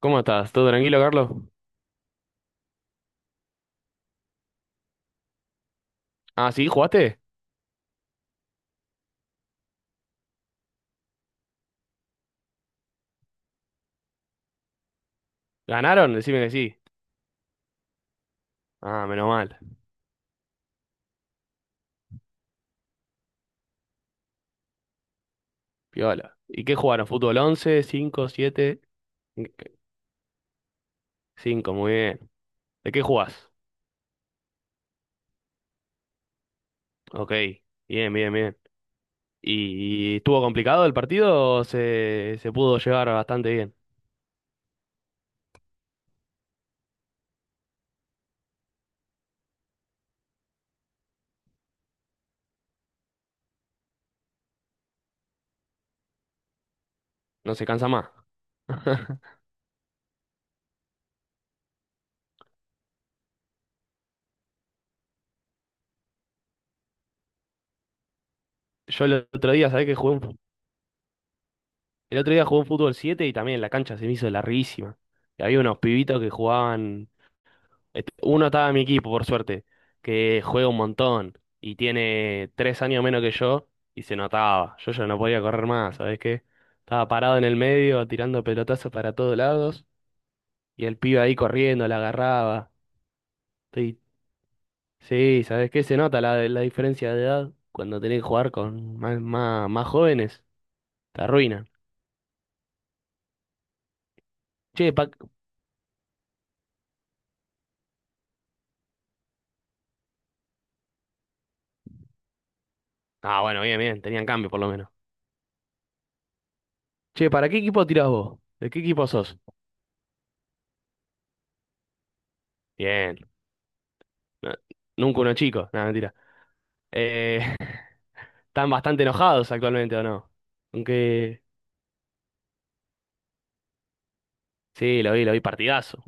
¿Cómo estás? ¿Todo tranquilo, Carlos? Ah, ¿sí? ¿Jugaste? ¿Ganaron? Decime que sí. Ah, menos mal. Piola. ¿Y qué jugaron? ¿Fútbol 11, 5, 7, 5, muy bien. ¿De qué jugás? Ok. Bien, bien, bien. ¿Y estuvo complicado el partido o se pudo llevar bastante bien? No se cansa más. Yo el otro día, ¿sabés que jugué el otro día jugué un fútbol 7 y también la cancha se me hizo larguísima. Y había unos pibitos que jugaban. Este, uno estaba en mi equipo, por suerte, que juega un montón y tiene tres años menos que yo y se notaba. Yo ya no podía correr más, ¿sabes qué? Estaba parado en el medio tirando pelotazos para todos lados y el pibe ahí corriendo, la agarraba. Sí, sí, ¿sabes qué? Se nota la diferencia de edad cuando tenés que jugar con más, más, más jóvenes. Te arruinan. Che, pa... Ah, bueno, bien, bien, tenían cambio por lo menos. Che, ¿para qué equipo tirás vos? ¿De qué equipo sos? Bien. No, nunca uno chico. Nada, mentira. Eh, están bastante enojados actualmente, ¿o no? Aunque sí, lo vi partidazo.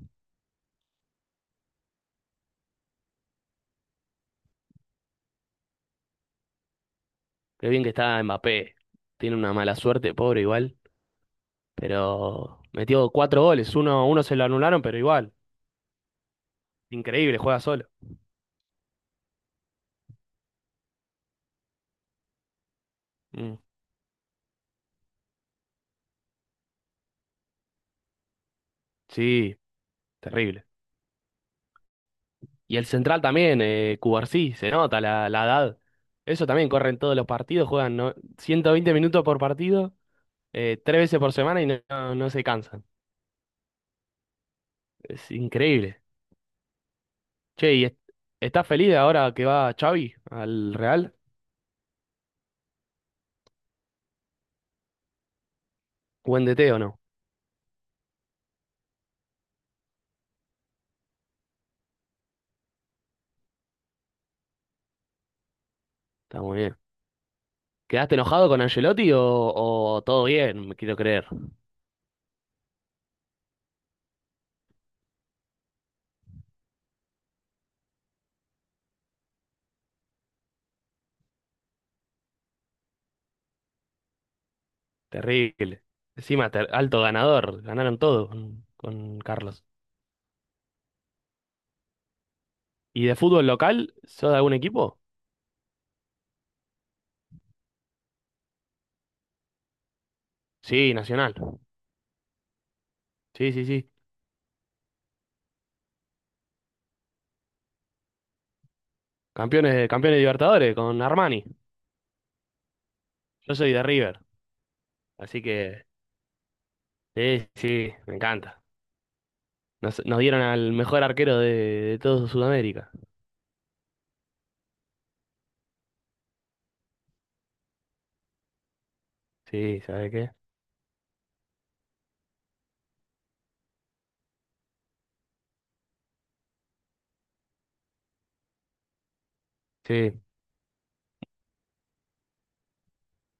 Qué bien que está Mbappé. Tiene una mala suerte, pobre igual. Pero metió cuatro goles. Uno, uno se lo anularon, pero igual. Increíble, juega solo. Mm, sí, terrible. Y el central también, Cubarsí, se nota la edad. Eso también corre en todos los partidos, juegan, ¿no?, 120 minutos por partido, tres veces por semana y no, no se cansan. Es increíble. Che, ¿estás feliz de ahora que va Xavi al Real? ¿Buen DT o no? Está muy bien. ¿Quedaste enojado con Ancelotti o todo bien? Me quiero creer. Terrible. Encima, alto ganador. Ganaron todo con Carlos. ¿Y de fútbol local? ¿Sos de algún equipo? Sí, Nacional. Sí, sí, sí. Campeones, campeones de Libertadores con Armani. Yo soy de River. Así que, sí, sí, me encanta. Nos, nos dieron al mejor arquero de todo Sudamérica. Sí, ¿sabes qué? Sí.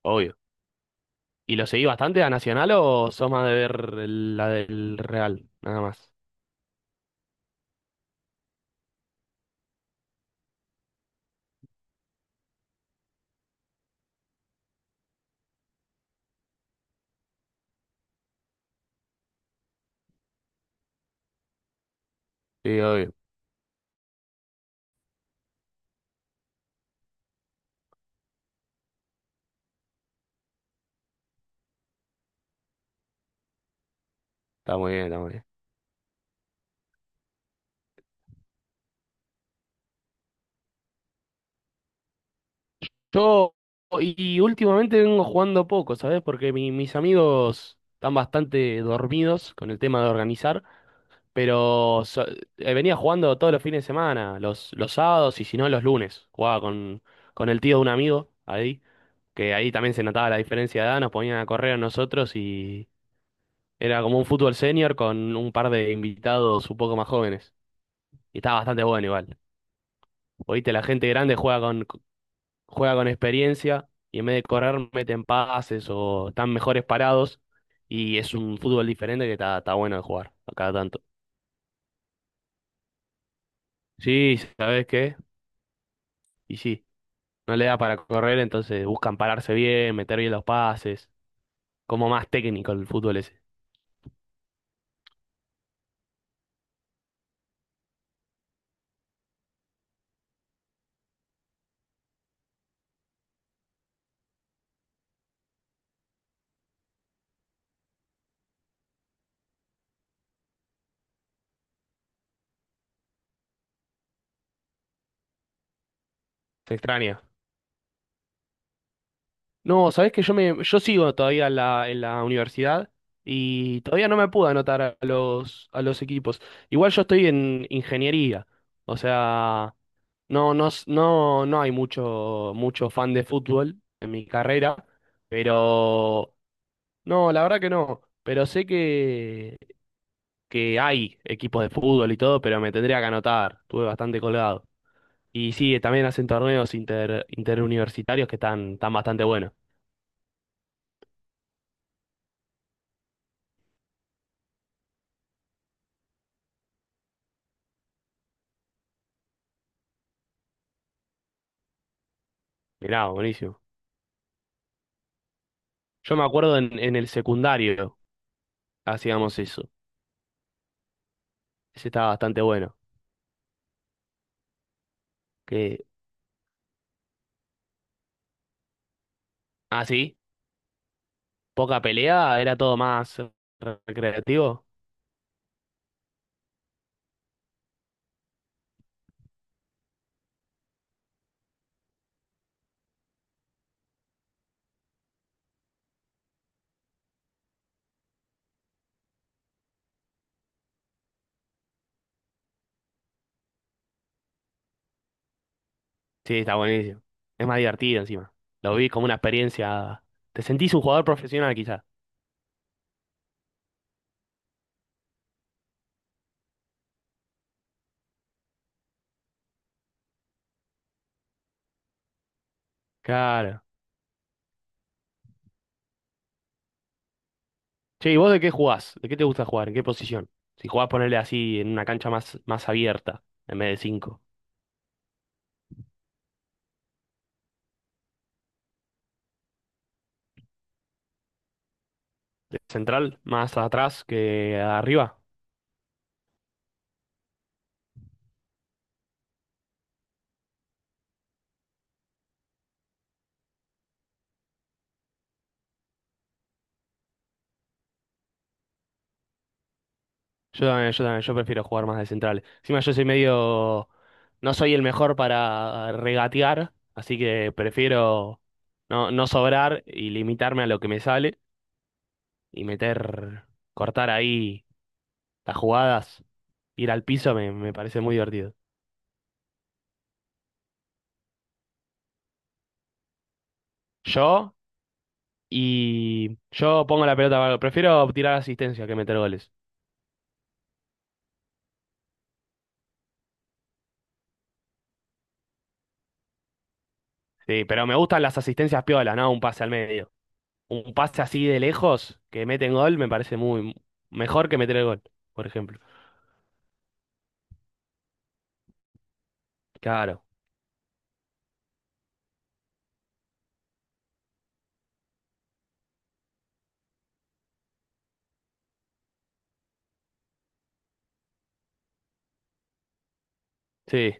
Obvio. ¿Y lo seguís bastante a Nacional o sos más de ver la del Real? Nada más. Sí, obvio. Está muy bien, está muy bien. Yo, y últimamente vengo jugando poco, ¿sabes? Porque mis amigos están bastante dormidos con el tema de organizar, pero venía jugando todos los fines de semana, los sábados y si no los lunes. Jugaba con el tío de un amigo ahí, que ahí también se notaba la diferencia de edad, nos ponían a correr a nosotros y era como un fútbol senior con un par de invitados un poco más jóvenes. Y está bastante bueno igual. Oíste, la gente grande juega con experiencia y en vez de correr meten pases o están mejores parados. Y es un fútbol diferente que está, está bueno de jugar a cada tanto. Sí, ¿sabes qué? Y sí, no le da para correr, entonces buscan pararse bien, meter bien los pases. Como más técnico el fútbol ese. Se extraña. No, sabés que yo sigo todavía en la universidad y todavía no me pude anotar a los equipos. Igual yo estoy en ingeniería, o sea, no, no hay mucho, mucho fan de fútbol en mi carrera, pero no, la verdad que no. Pero sé que hay equipos de fútbol y todo, pero me tendría que anotar. Estuve bastante colgado. Y sí, también hacen torneos interuniversitarios que están, están bastante buenos. Mirá, buenísimo. Yo me acuerdo en el secundario hacíamos eso. Ese estaba bastante bueno. Que, ah, sí, poca pelea, era todo más recreativo. Sí, está buenísimo. Es más divertido encima. Lo vi como una experiencia. Te sentís un jugador profesional quizás. Claro. Che, ¿y vos de qué jugás? ¿De qué te gusta jugar? ¿En qué posición? Si jugás, ponerle así en una cancha más, más abierta, en vez de cinco. ¿De central? ¿Más atrás que arriba? Yo también, yo también, yo prefiero jugar más de central. Encima yo soy medio, no soy el mejor para regatear, así que prefiero no, no sobrar y limitarme a lo que me sale y meter, cortar ahí las jugadas, ir al piso me parece muy divertido. Yo y yo pongo la pelota, prefiero tirar asistencia que meter goles. Sí, pero me gustan las asistencias piolas, ¿no? Un pase al medio. Un pase así de lejos que meten gol me parece muy mejor que meter el gol, por ejemplo. Claro, sí,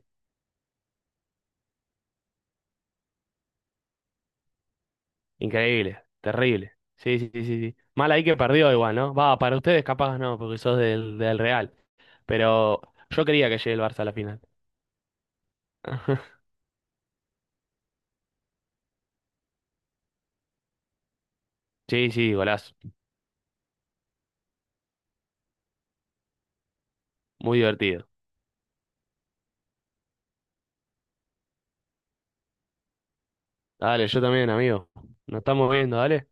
increíble, terrible. Sí, sí, sí, sí. Sí. Mal ahí que perdió igual, ¿no? Va, para ustedes capaz no, porque sos del, del Real. Pero yo quería que llegue el Barça a la final. Sí, sí, golazo. Muy divertido. Dale, yo también, amigo. Nos estamos viendo, dale.